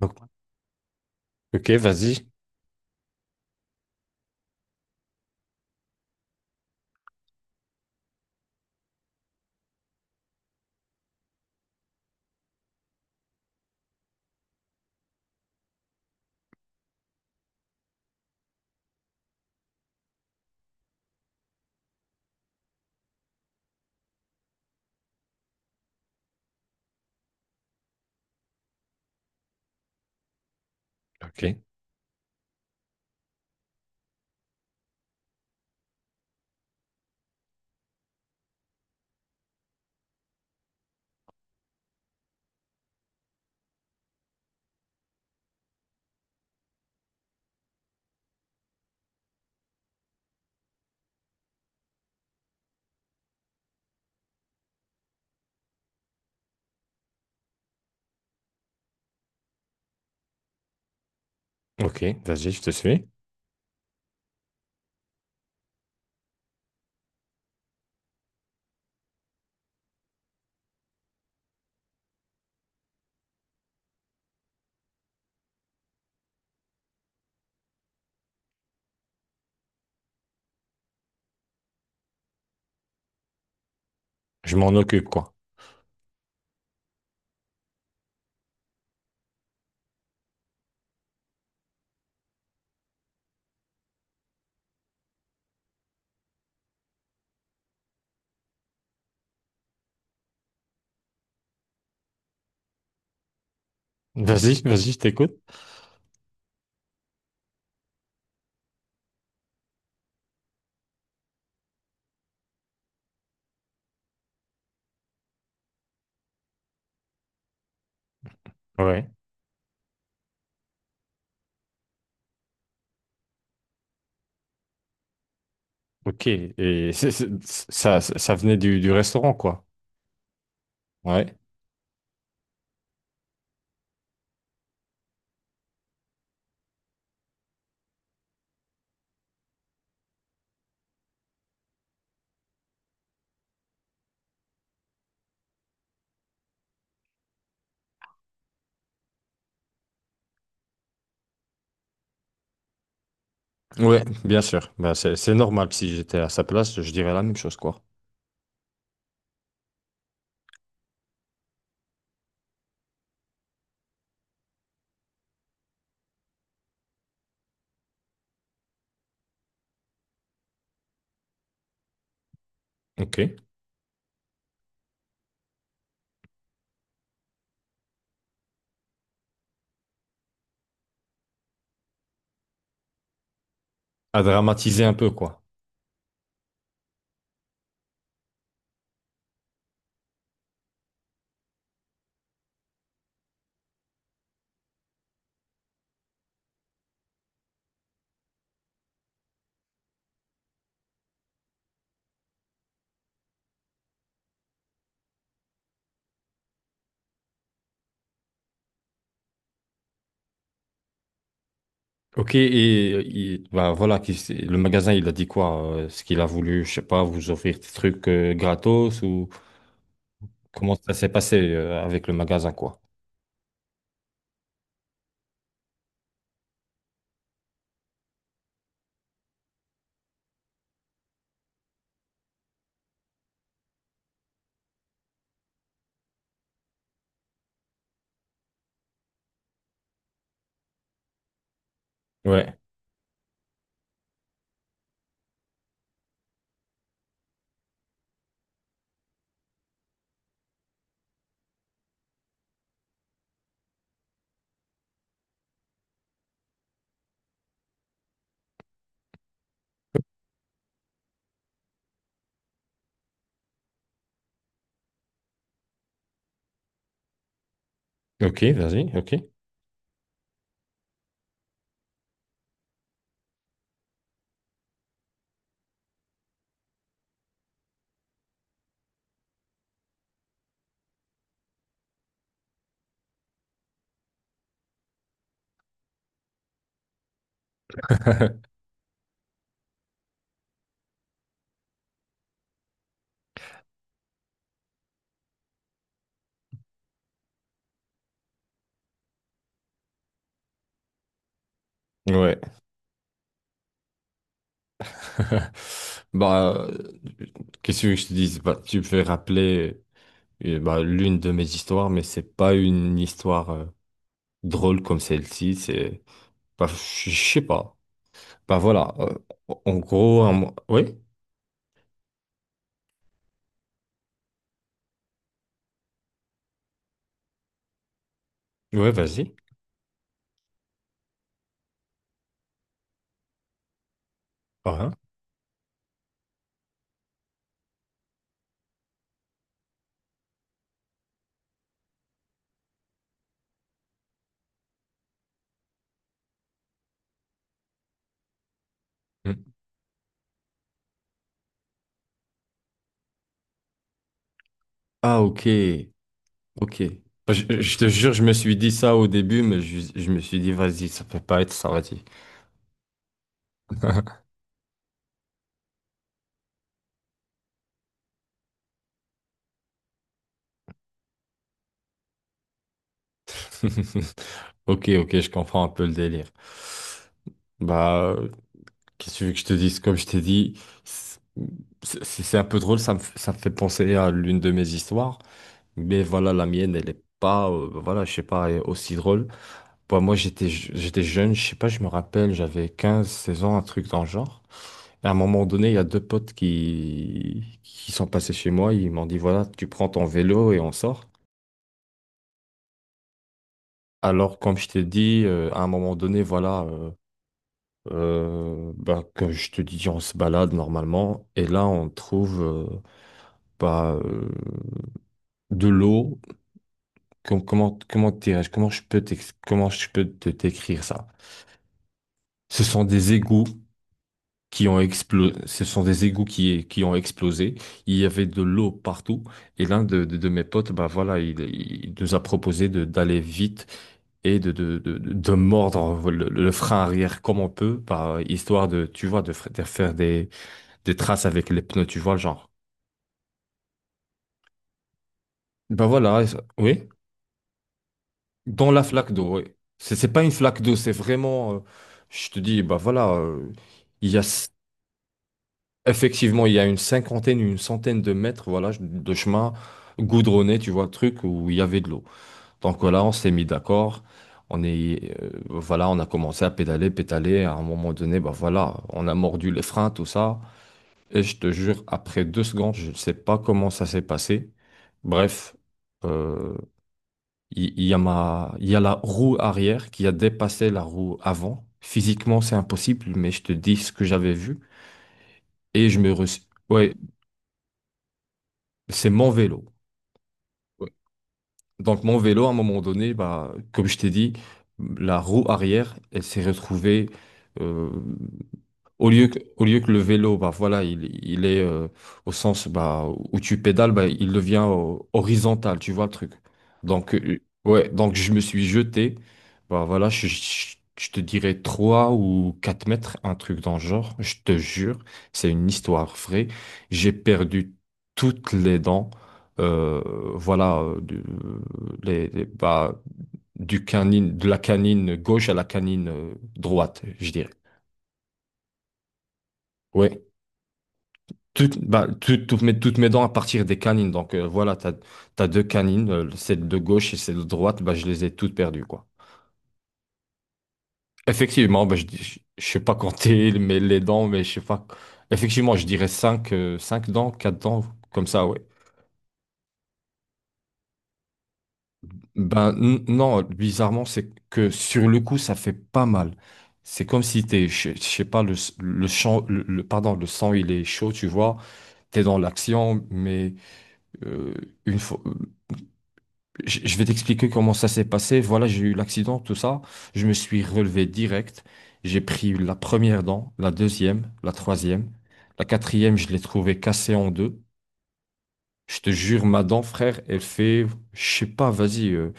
Ok, ok, vas-y. Ok, ok, vas-y, je te suis. Je m'en occupe, quoi. Vas-y, vas-y, je t'écoute. Ouais. Ok, et ça, ça venait du restaurant, quoi. Ouais. Ouais, bien sûr. Bah, c'est normal. Si j'étais à sa place, je dirais la même chose, quoi. Ok. À dramatiser un peu, quoi. Ok, et bah, voilà, le magasin, il a dit quoi? Ce qu'il a voulu, je sais pas, vous offrir des trucs gratos, ou comment ça s'est passé avec le magasin, quoi. Ouais. Ok, vas-y, ok. Ouais. Bah, qu'est-ce que je te dis? Bah, tu me fais rappeler bah, l'une de mes histoires, mais c'est pas une histoire drôle comme celle-ci. C'est, bah, je sais pas. Bah voilà. En gros, oui, ouais, vas-y. Ah, hein. Mm. Ah, ok, ok. Bah, Je te jure, je me suis dit ça au début, mais je me suis dit, vas-y, ça peut pas être ça, vas-y. Ok, ok, je comprends un peu le délire. Bah. Qu'est-ce que tu veux que je te dise? Comme je t'ai dit, c'est c'est un peu drôle, ça me fait penser à l'une de mes histoires. Mais voilà, la mienne, elle est pas, bah voilà, je sais pas, elle est aussi drôle. Bah, moi, j'étais jeune, je sais pas, je me rappelle, j'avais 15 16 ans, un truc dans le genre. Et à un moment donné, il y a deux potes qui sont passés chez moi, ils m'ont dit, voilà, tu prends ton vélo et on sort. Alors, comme je t'ai dit, à un moment donné, voilà, bah, comme je te dis, on se balade normalement. Et là, on trouve, bah, de l'eau. Comment, dirais-je, comment je peux te t'écrire ça? Ce sont des égouts qui ont explosé. Ce sont des égouts qui ont explosé. Il y avait de l'eau partout. Et l'un de mes potes, bah voilà, il nous a proposé de d'aller vite et de mordre le frein arrière comme on peut, par histoire de, tu vois, de faire des traces avec les pneus, tu vois, le genre. Bah voilà, et oui. Dans la flaque d'eau, oui. C'est pas une flaque d'eau, c'est vraiment, je te dis, bah voilà, il y a s- effectivement, il y a une cinquantaine, une centaine de mètres, voilà, de chemin goudronné, tu vois, le truc où il y avait de l'eau. Donc voilà, on s'est mis d'accord. On est, voilà, on a commencé à pédaler, pédaler. À un moment donné, bah voilà, on a mordu les freins, tout ça. Et je te jure, après 2 secondes, je ne sais pas comment ça s'est passé. Bref. euh, il y a la roue arrière qui a dépassé la roue avant. Physiquement, c'est impossible, mais je te dis ce que j'avais vu. Et je me re... Ouais, c'est mon vélo. Ouais. Donc, mon vélo, à un moment donné, bah, comme je t'ai dit, la roue arrière, elle s'est retrouvée. euh, au lieu que le vélo, bah voilà, il est au sens bah, où tu pédales, bah, il devient horizontal, tu vois le truc. Donc, ouais, donc je me suis jeté, bah voilà, je te dirais 3 ou 4 mètres, un truc dans le genre, je te jure, c'est une histoire vraie. J'ai perdu toutes les dents, euh, voilà, bah, du canine, de la canine gauche à la canine droite, je dirais. Ouais. Toutes, bah, toutes mes dents à partir des canines. Donc voilà, t'as deux canines, celle de gauche et celle de droite, bah, je les ai toutes perdues, quoi. Effectivement, bah, je sais pas compter mais les dents, mais je sais pas. Effectivement, je dirais cinq dents, quatre dents, comme ça, ouais. Ben non, bizarrement, c'est que sur le coup, ça fait pas mal. C'est comme si t'es, je sais pas, le, s- le, champ- le- pardon, le sang, il est chaud, tu vois. T'es dans l'action, mais euh, une fois. Je vais t'expliquer comment ça s'est passé. Voilà, j'ai eu l'accident, tout ça. Je me suis relevé direct. J'ai pris la première dent, la deuxième, la troisième. La quatrième, je l'ai trouvée cassée en deux. Je te jure, ma dent, frère, elle fait, je sais pas, vas-y,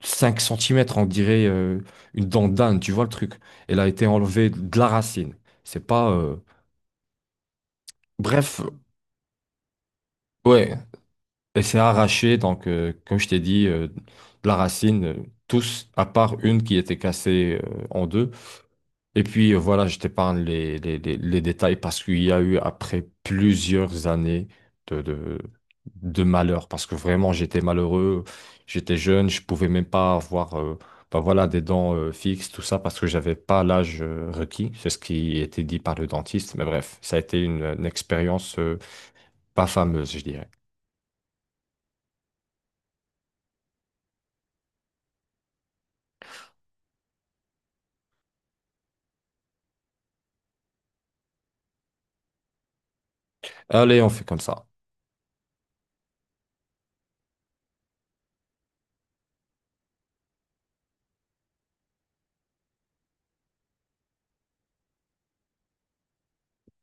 5 centimètres. On dirait une dent d'âne, tu vois le truc. Elle a été enlevée de la racine. C'est pas... Bref, ouais, et c'est arraché, donc, comme je t'ai dit, de la racine, tous, à part une qui était cassée en deux. Et puis, voilà, je t'épargne les détails parce qu'il y a eu, après plusieurs années de, de, de malheur, parce que vraiment, j'étais malheureux, j'étais jeune, je pouvais même pas avoir bah voilà, des dents fixes, tout ça, parce que j'avais pas l'âge requis. C'est ce qui était dit par le dentiste. Mais bref, ça a été une expérience pas fameuse, je dirais. Allez, on fait comme ça.